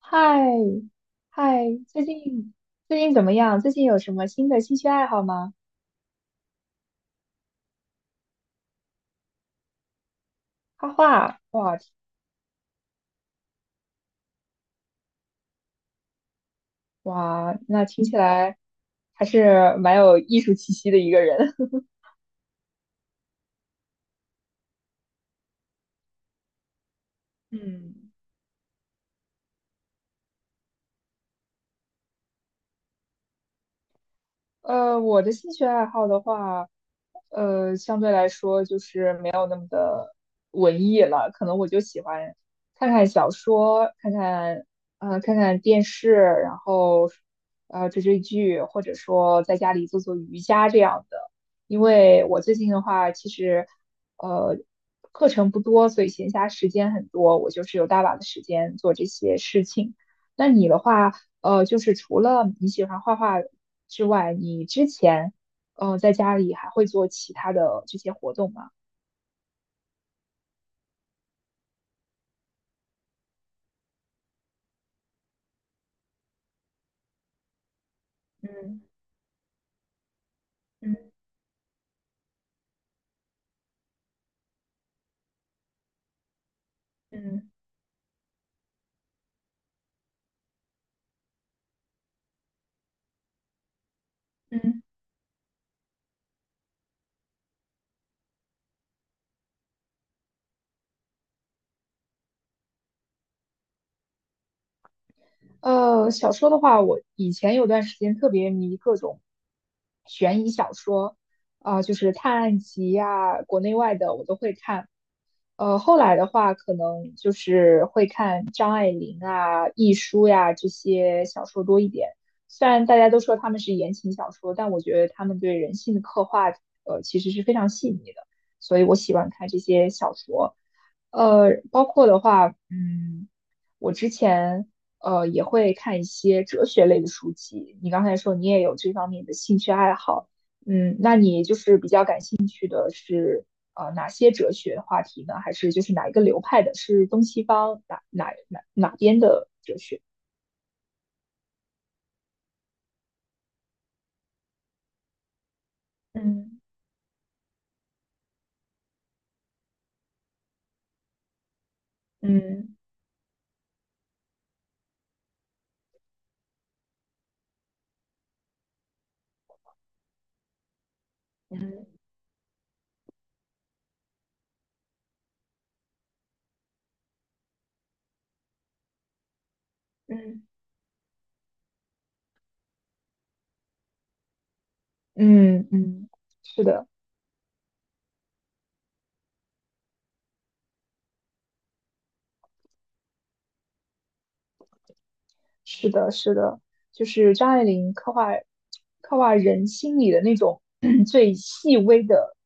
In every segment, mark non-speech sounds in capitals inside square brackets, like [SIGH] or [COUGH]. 嗨，嗨，最近怎么样？最近有什么新的兴趣爱好吗？画画，哇哇，那听起来还是蛮有艺术气息的一个人。[LAUGHS] 嗯，我的兴趣爱好的话，相对来说就是没有那么的文艺了，可能我就喜欢看看小说，看看电视，然后，追追剧，或者说在家里做做瑜伽这样的。因为我最近的话，其实，呃，课程不多，所以闲暇时间很多，我就是有大把的时间做这些事情。那你的话，就是除了你喜欢画画之外，你之前在家里还会做其他的这些活动吗？嗯嗯嗯嗯小说的话，我以前有段时间特别迷各种悬疑小说，啊、就是探案集呀、国内外的我都会看。后来的话，可能就是会看张爱玲啊、亦舒呀这些小说多一点。虽然大家都说他们是言情小说，但我觉得他们对人性的刻画，其实是非常细腻的，所以我喜欢看这些小说。包括的话，我之前也会看一些哲学类的书籍。你刚才说你也有这方面的兴趣爱好。嗯，那你就是比较感兴趣的是哪些哲学话题呢？还是就是哪一个流派的？是东西方哪边的哲学？嗯嗯嗯嗯，嗯嗯，是的。是的，是的，就是张爱玲刻画人心里的那种 [CLEARS THROAT] 最细微的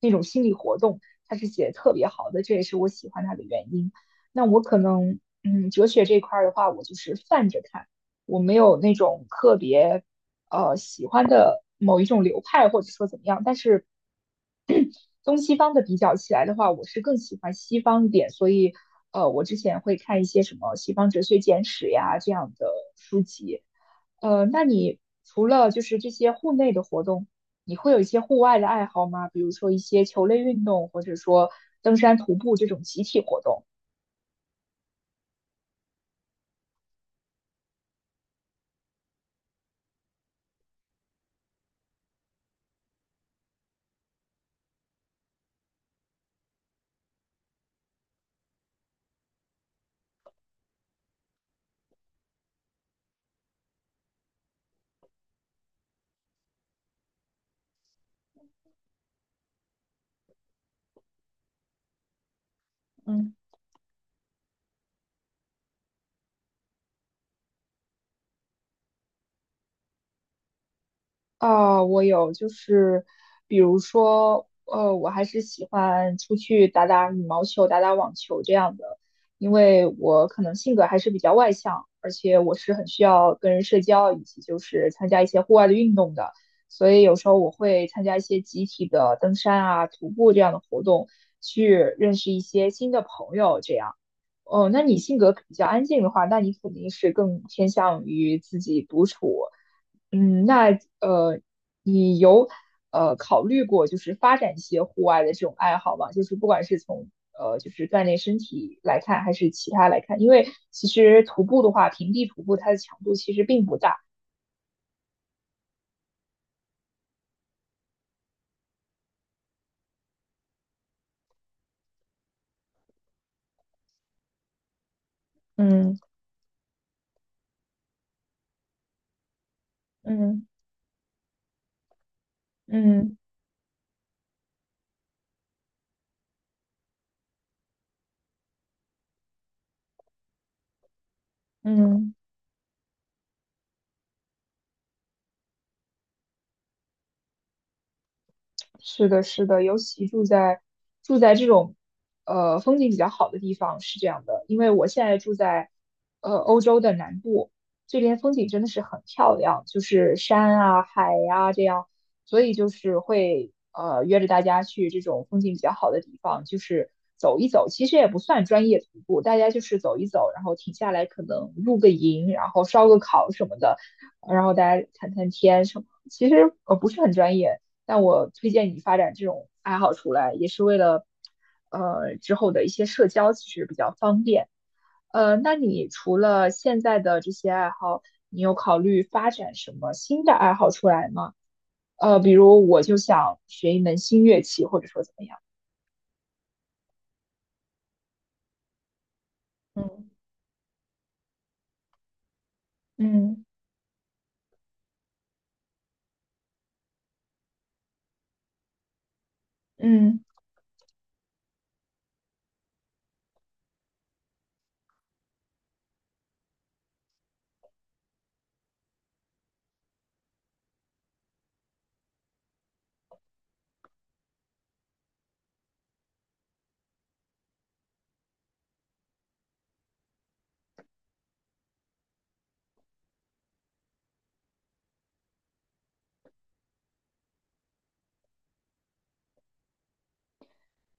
那种心理活动，她是写的特别好的，这也是我喜欢她的原因。那我可能，哲学这一块儿的话，我就是泛着看，我没有那种特别喜欢的某一种流派，或者说怎么样，但是，东西方的比较起来的话，我是更喜欢西方一点，所以我之前会看一些什么《西方哲学简史》呀这样的书籍。那你除了就是这些户内的活动，你会有一些户外的爱好吗？比如说一些球类运动，或者说登山、徒步这种集体活动。嗯。啊，我有，就是比如说，我还是喜欢出去打打羽毛球、打打网球这样的，因为我可能性格还是比较外向，而且我是很需要跟人社交，以及就是参加一些户外的运动的，所以有时候我会参加一些集体的登山啊、徒步这样的活动，去认识一些新的朋友，这样。哦，那你性格比较安静的话，那你肯定是更偏向于自己独处。那呃，你有考虑过就是发展一些户外的这种爱好吗？就是不管是从就是锻炼身体来看，还是其他来看，因为其实徒步的话，平地徒步它的强度其实并不大。嗯嗯嗯嗯。是的，是的，尤其住在这种风景比较好的地方是这样的，因为我现在住在欧洲的南部，这边风景真的是很漂亮，就是山啊、海呀、这样，所以就是会约着大家去这种风景比较好的地方，就是走一走，其实也不算专业徒步，大家就是走一走，然后停下来可能露个营，然后烧个烤什么的，然后大家谈谈天什么，其实不是很专业。但我推荐你发展这种爱好出来，也是为了，之后的一些社交其实比较方便。那你除了现在的这些爱好，你有考虑发展什么新的爱好出来吗？比如我就想学一门新乐器，或者说怎么样？嗯嗯嗯，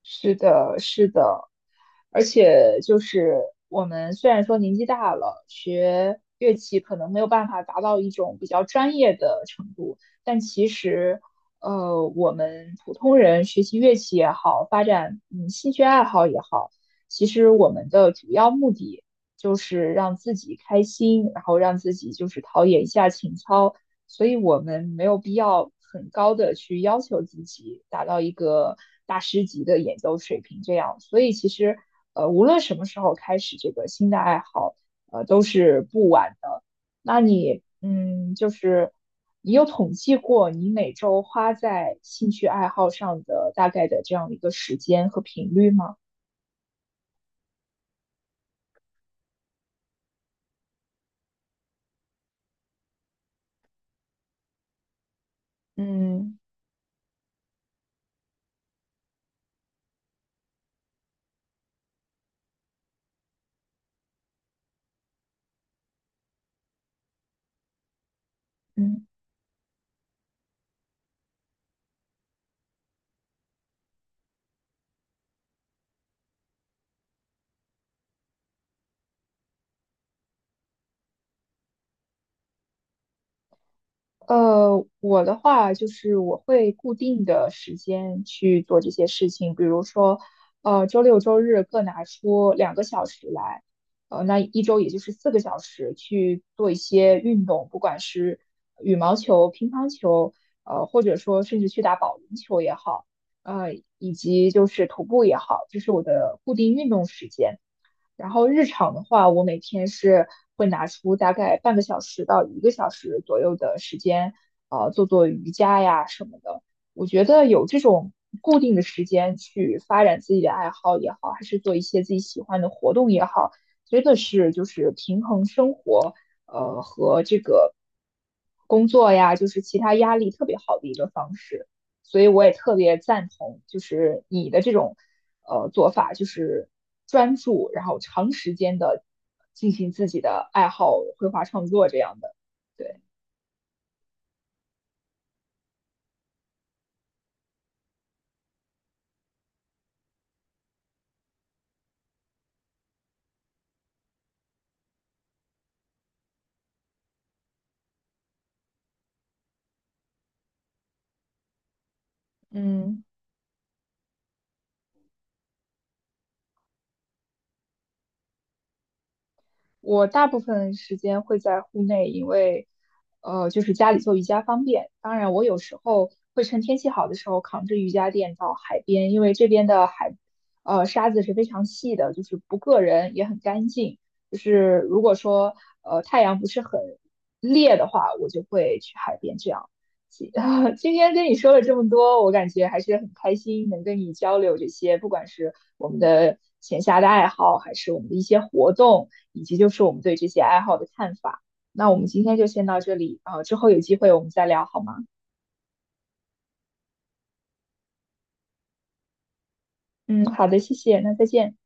是的，是的，而且就是我们虽然说年纪大了，学乐器可能没有办法达到一种比较专业的程度，但其实，我们普通人学习乐器也好，发展兴趣爱好也好，其实我们的主要目的就是让自己开心，然后让自己就是陶冶一下情操，所以我们没有必要很高的去要求自己达到一个大师级的演奏水平。这样，所以其实无论什么时候开始这个新的爱好，都是不晚的。那你就是你有统计过你每周花在兴趣爱好上的大概的这样一个时间和频率吗？嗯嗯。我的话就是我会固定的时间去做这些事情，比如说，周六周日各拿出2个小时来，那一周也就是4个小时去做一些运动，不管是羽毛球、乒乓球，或者说甚至去打保龄球也好，以及就是徒步也好，这是我的固定运动时间。然后日常的话，我每天是会拿出大概半个小时到一个小时左右的时间，做做瑜伽呀什么的。我觉得有这种固定的时间去发展自己的爱好也好，还是做一些自己喜欢的活动也好，真的是就是平衡生活，和这个工作呀，就是其他压力特别好的一个方式。所以我也特别赞同，就是你的这种做法，就是专注，然后长时间的进行自己的爱好、绘画创作这样的。对，嗯。我大部分时间会在户内，因为就是家里做瑜伽方便。当然，我有时候会趁天气好的时候扛着瑜伽垫到海边，因为这边的海沙子是非常细的，就是不硌人，也很干净。就是如果说太阳不是很烈的话，我就会去海边这样。[LAUGHS] 今天跟你说了这么多，我感觉还是很开心，能跟你交流这些，不管是我们的闲暇的爱好，还是我们的一些活动，以及就是我们对这些爱好的看法。那我们今天就先到这里啊，之后有机会我们再聊好吗？嗯，好的，谢谢，那再见。